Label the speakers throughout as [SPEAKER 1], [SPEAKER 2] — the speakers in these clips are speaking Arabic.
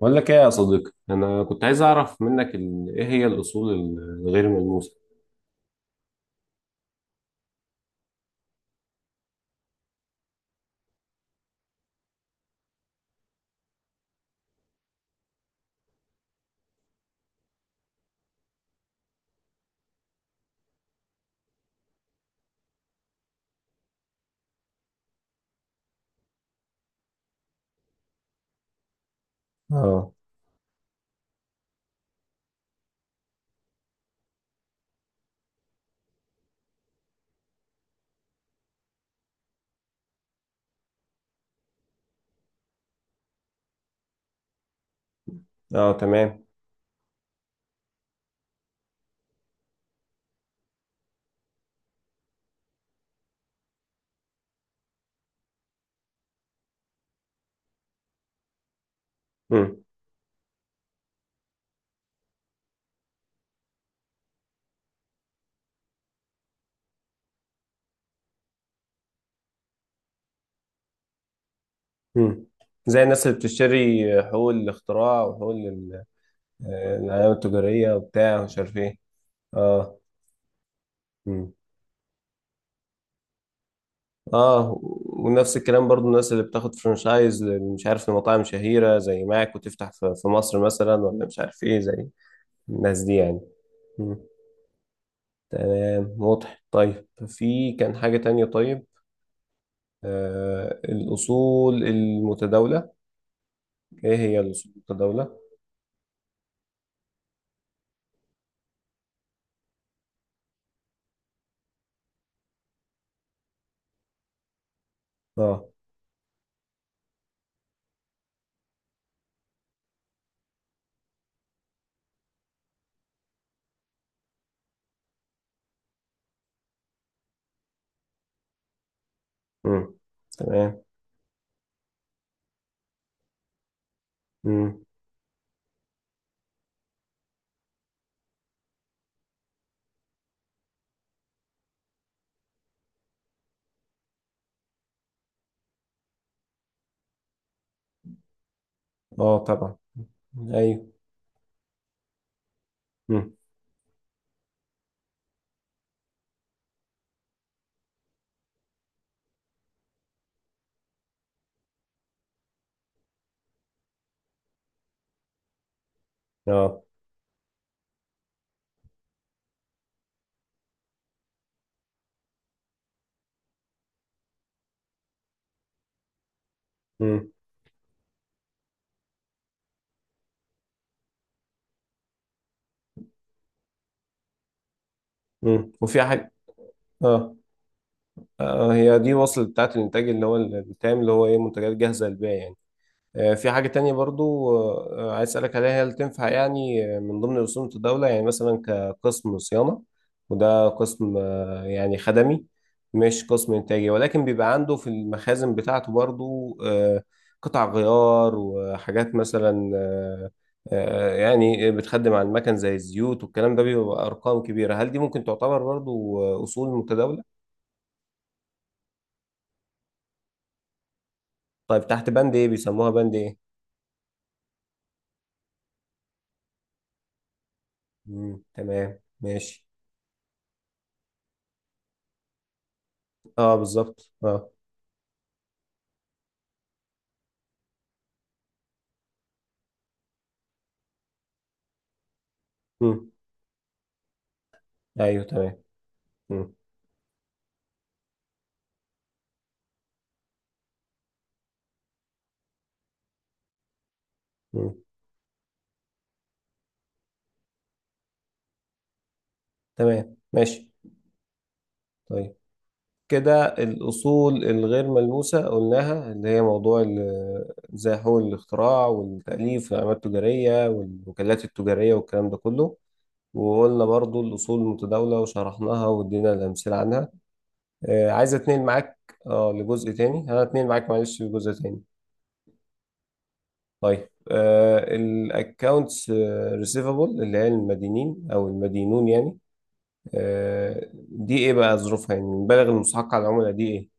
[SPEAKER 1] بقول لك ايه يا صديقي، انا كنت عايز اعرف منك ايه هي الاصول الغير ملموسه؟ اه، اه، تمام. مم. مم. زي الناس اللي بتشتري حقوق الاختراع وحقوق آه، العلامة التجارية وبتاع ومش عارف ايه. اه. مم. اه، ونفس الكلام برضو، الناس اللي بتاخد فرانشايز مش عارف لمطاعم شهيرة زي ماك وتفتح في مصر مثلا، ولا مش عارف ايه، زي الناس دي يعني. مم. تمام، واضح. طيب، في كان حاجة تانية؟ طيب، الأصول المتداولة، إيه هي الأصول المتداولة؟ آه مم. تمام. مم. آه طبعا. أيوه. مم. آه مم. مم. وفي حاجة. آه. آه، هي دي وصلت بتاعت الإنتاج اللي هو التام، اللي هو إيه، منتجات جاهزة للبيع يعني. في حاجة تانية برضو عايز أسألك عليها، هل تنفع يعني من ضمن رسوم الدولة يعني مثلا كقسم صيانة، وده قسم يعني خدمي، مش قسم إنتاجي، ولكن بيبقى عنده في المخازن بتاعته برضو قطع غيار وحاجات مثلا يعني بتخدم على المكن زي الزيوت والكلام ده، بيبقى أرقام كبيرة، هل دي ممكن تعتبر برضو أصول متداولة؟ طيب، تحت بند إيه بيسموها، بند إيه؟ مم، تمام ماشي. اه، بالظبط اه. مم. ايوه تمام. مم. مم. تمام ماشي. طيب، كده الاصول الغير ملموسه قلناها، اللي هي موضوع زي حقوق الاختراع والتاليف والعلامات التجاريه والوكالات التجاريه والكلام ده كله. وقلنا برضو الاصول المتداوله وشرحناها وادينا الامثله عنها. آه، عايز اتنقل معاك اه لجزء تاني، انا اتنقل معاك معلش لجزء تاني. طيب، الاكونتس ريسيفابل، اللي هي المدينين او المدينون يعني، دي ايه بقى ظروفها؟ يعني المبالغ المستحقة على العملة دي ايه؟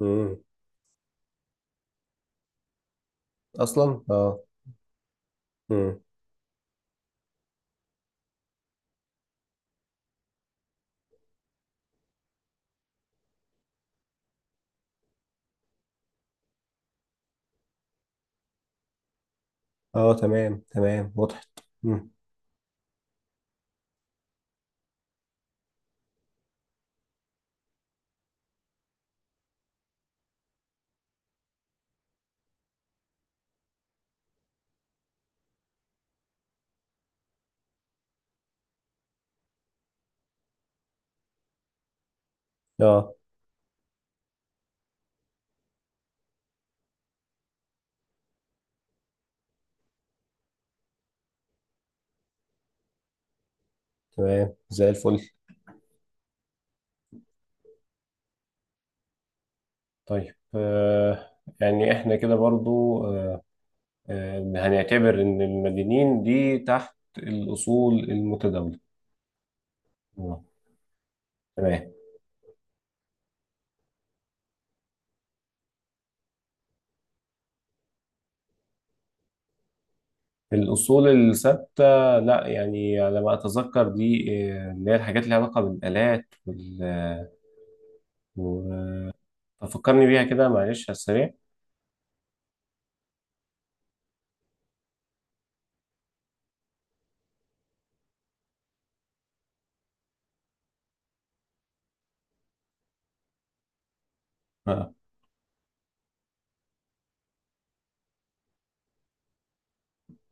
[SPEAKER 1] مم. اصلا اه. مم. اه تمام تمام، وضحت. مم. اه تمام، زي الفل. طيب يعني احنا كده برضو هنعتبر ان المدينين دي تحت الاصول المتداولة. آه، تمام. الاصول الثابتة، لا يعني على ما اتذكر دي اللي هي الحاجات اللي لها علاقة بالالات وال... آه، و- آه، ففكرني بيها كده معلش على السريع. آه.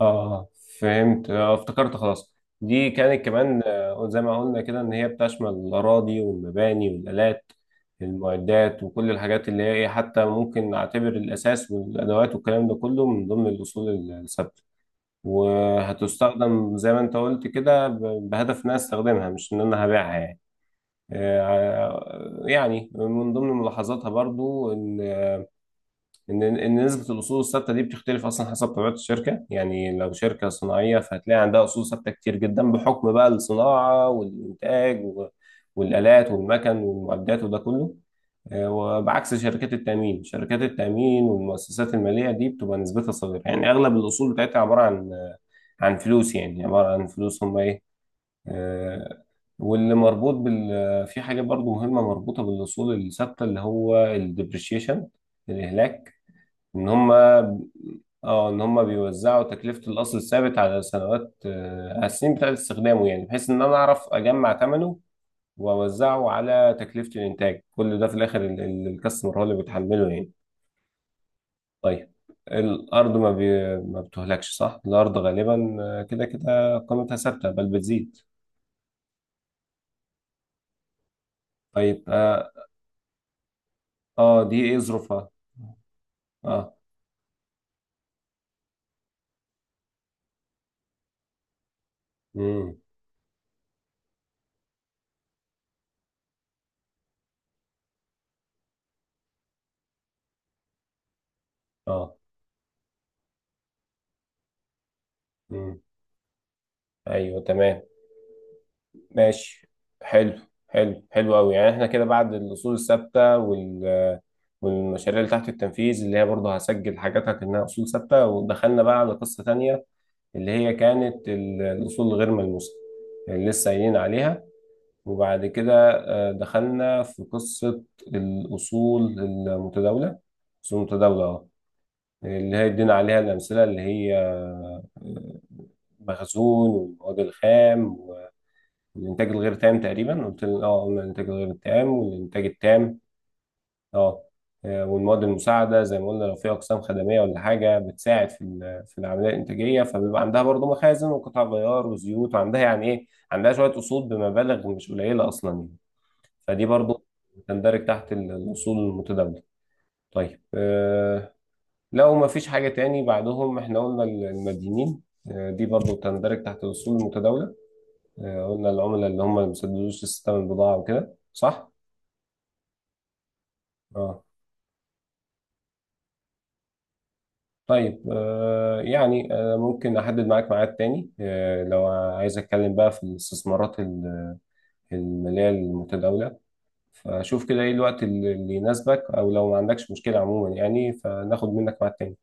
[SPEAKER 1] اه فهمت، آه افتكرت، خلاص دي كانت كمان زي ما قلنا كده، ان هي بتشمل الاراضي والمباني والالات المعدات وكل الحاجات اللي هي ايه، حتى ممكن نعتبر الاساس والادوات والكلام ده كله من ضمن الاصول الثابته. وهتستخدم زي ما انت قلت كده بهدف ان انا استخدمها، مش ان انا هبيعها يعني. يعني من ضمن ملاحظاتها برضو ان ان نسبه الاصول الثابته دي بتختلف اصلا حسب طبيعه الشركه. يعني لو شركه صناعيه، فهتلاقي عندها اصول ثابته كتير جدا بحكم بقى الصناعه والانتاج والالات والمكن والمعدات وده كله. وبعكس شركات التامين، شركات التامين والمؤسسات الماليه دي بتبقى نسبتها صغيره، يعني اغلب الاصول بتاعتها عباره عن عن فلوس، يعني عباره عن فلوس هم ايه. آه، واللي مربوط بال، في حاجه برضو مهمه مربوطه بالاصول الثابته اللي هو الديبريشيشن، الاهلاك. ان هم، اه، ان هم بيوزعوا تكلفة الأصل الثابت على سنوات على السنين بتاعت استخدامه، يعني بحيث ان انا اعرف اجمع ثمنه واوزعه على تكلفة الانتاج، كل ده في الاخر الكاستمر هو اللي بيتحمله يعني. طيب، الارض ما بتهلكش، صح؟ الارض غالبا كده كده قيمتها ثابتة، بل بتزيد. طيب، اه، آه دي ايه ظروفها؟ اه. امم. اه. امم. ايوه تمام ماشي. حلو. حلو، حلو قوي. يعني احنا كده بعد الاصول الثابته والمشاريع اللي تحت التنفيذ، اللي هي برضه هسجل حاجاتها كأنها أصول ثابتة، ودخلنا بقى على قصة تانية، اللي هي كانت الأصول الغير ملموسة اللي لسه قايلين عليها. وبعد كده دخلنا في قصة الأصول المتداولة، الأصول المتداولة اه، اللي هي ادينا عليها الأمثلة، اللي هي المخزون والمواد الخام، الانتاج الغير تام، تقريبا قلت لنا اه، قلنا الانتاج الغير التام والانتاج التام، اه. والمواد المساعده زي ما قلنا، لو في اقسام خدميه ولا حاجه بتساعد في في العمليه الانتاجيه، فبيبقى عندها برضو مخازن وقطع غيار وزيوت، وعندها يعني ايه، عندها شويه اصول بمبالغ مش قليله اصلا يعني. فدي برضو تندرج تحت الاصول المتداوله. طيب لو ما فيش حاجه تاني بعدهم، احنا قلنا المدينين، دي برضو تندرج تحت الاصول المتداوله. آه، قلنا العملاء اللي هم اللي ما بيسددوش الستة من البضاعة وكده، صح؟ اه. طيب يعني ممكن أحدد معاك ميعاد تاني لو عايز أتكلم بقى في الاستثمارات المالية المتداولة؟ فشوف كده إيه الوقت اللي يناسبك، أو لو ما عندكش مشكلة عموما يعني فناخد منك ميعاد تاني.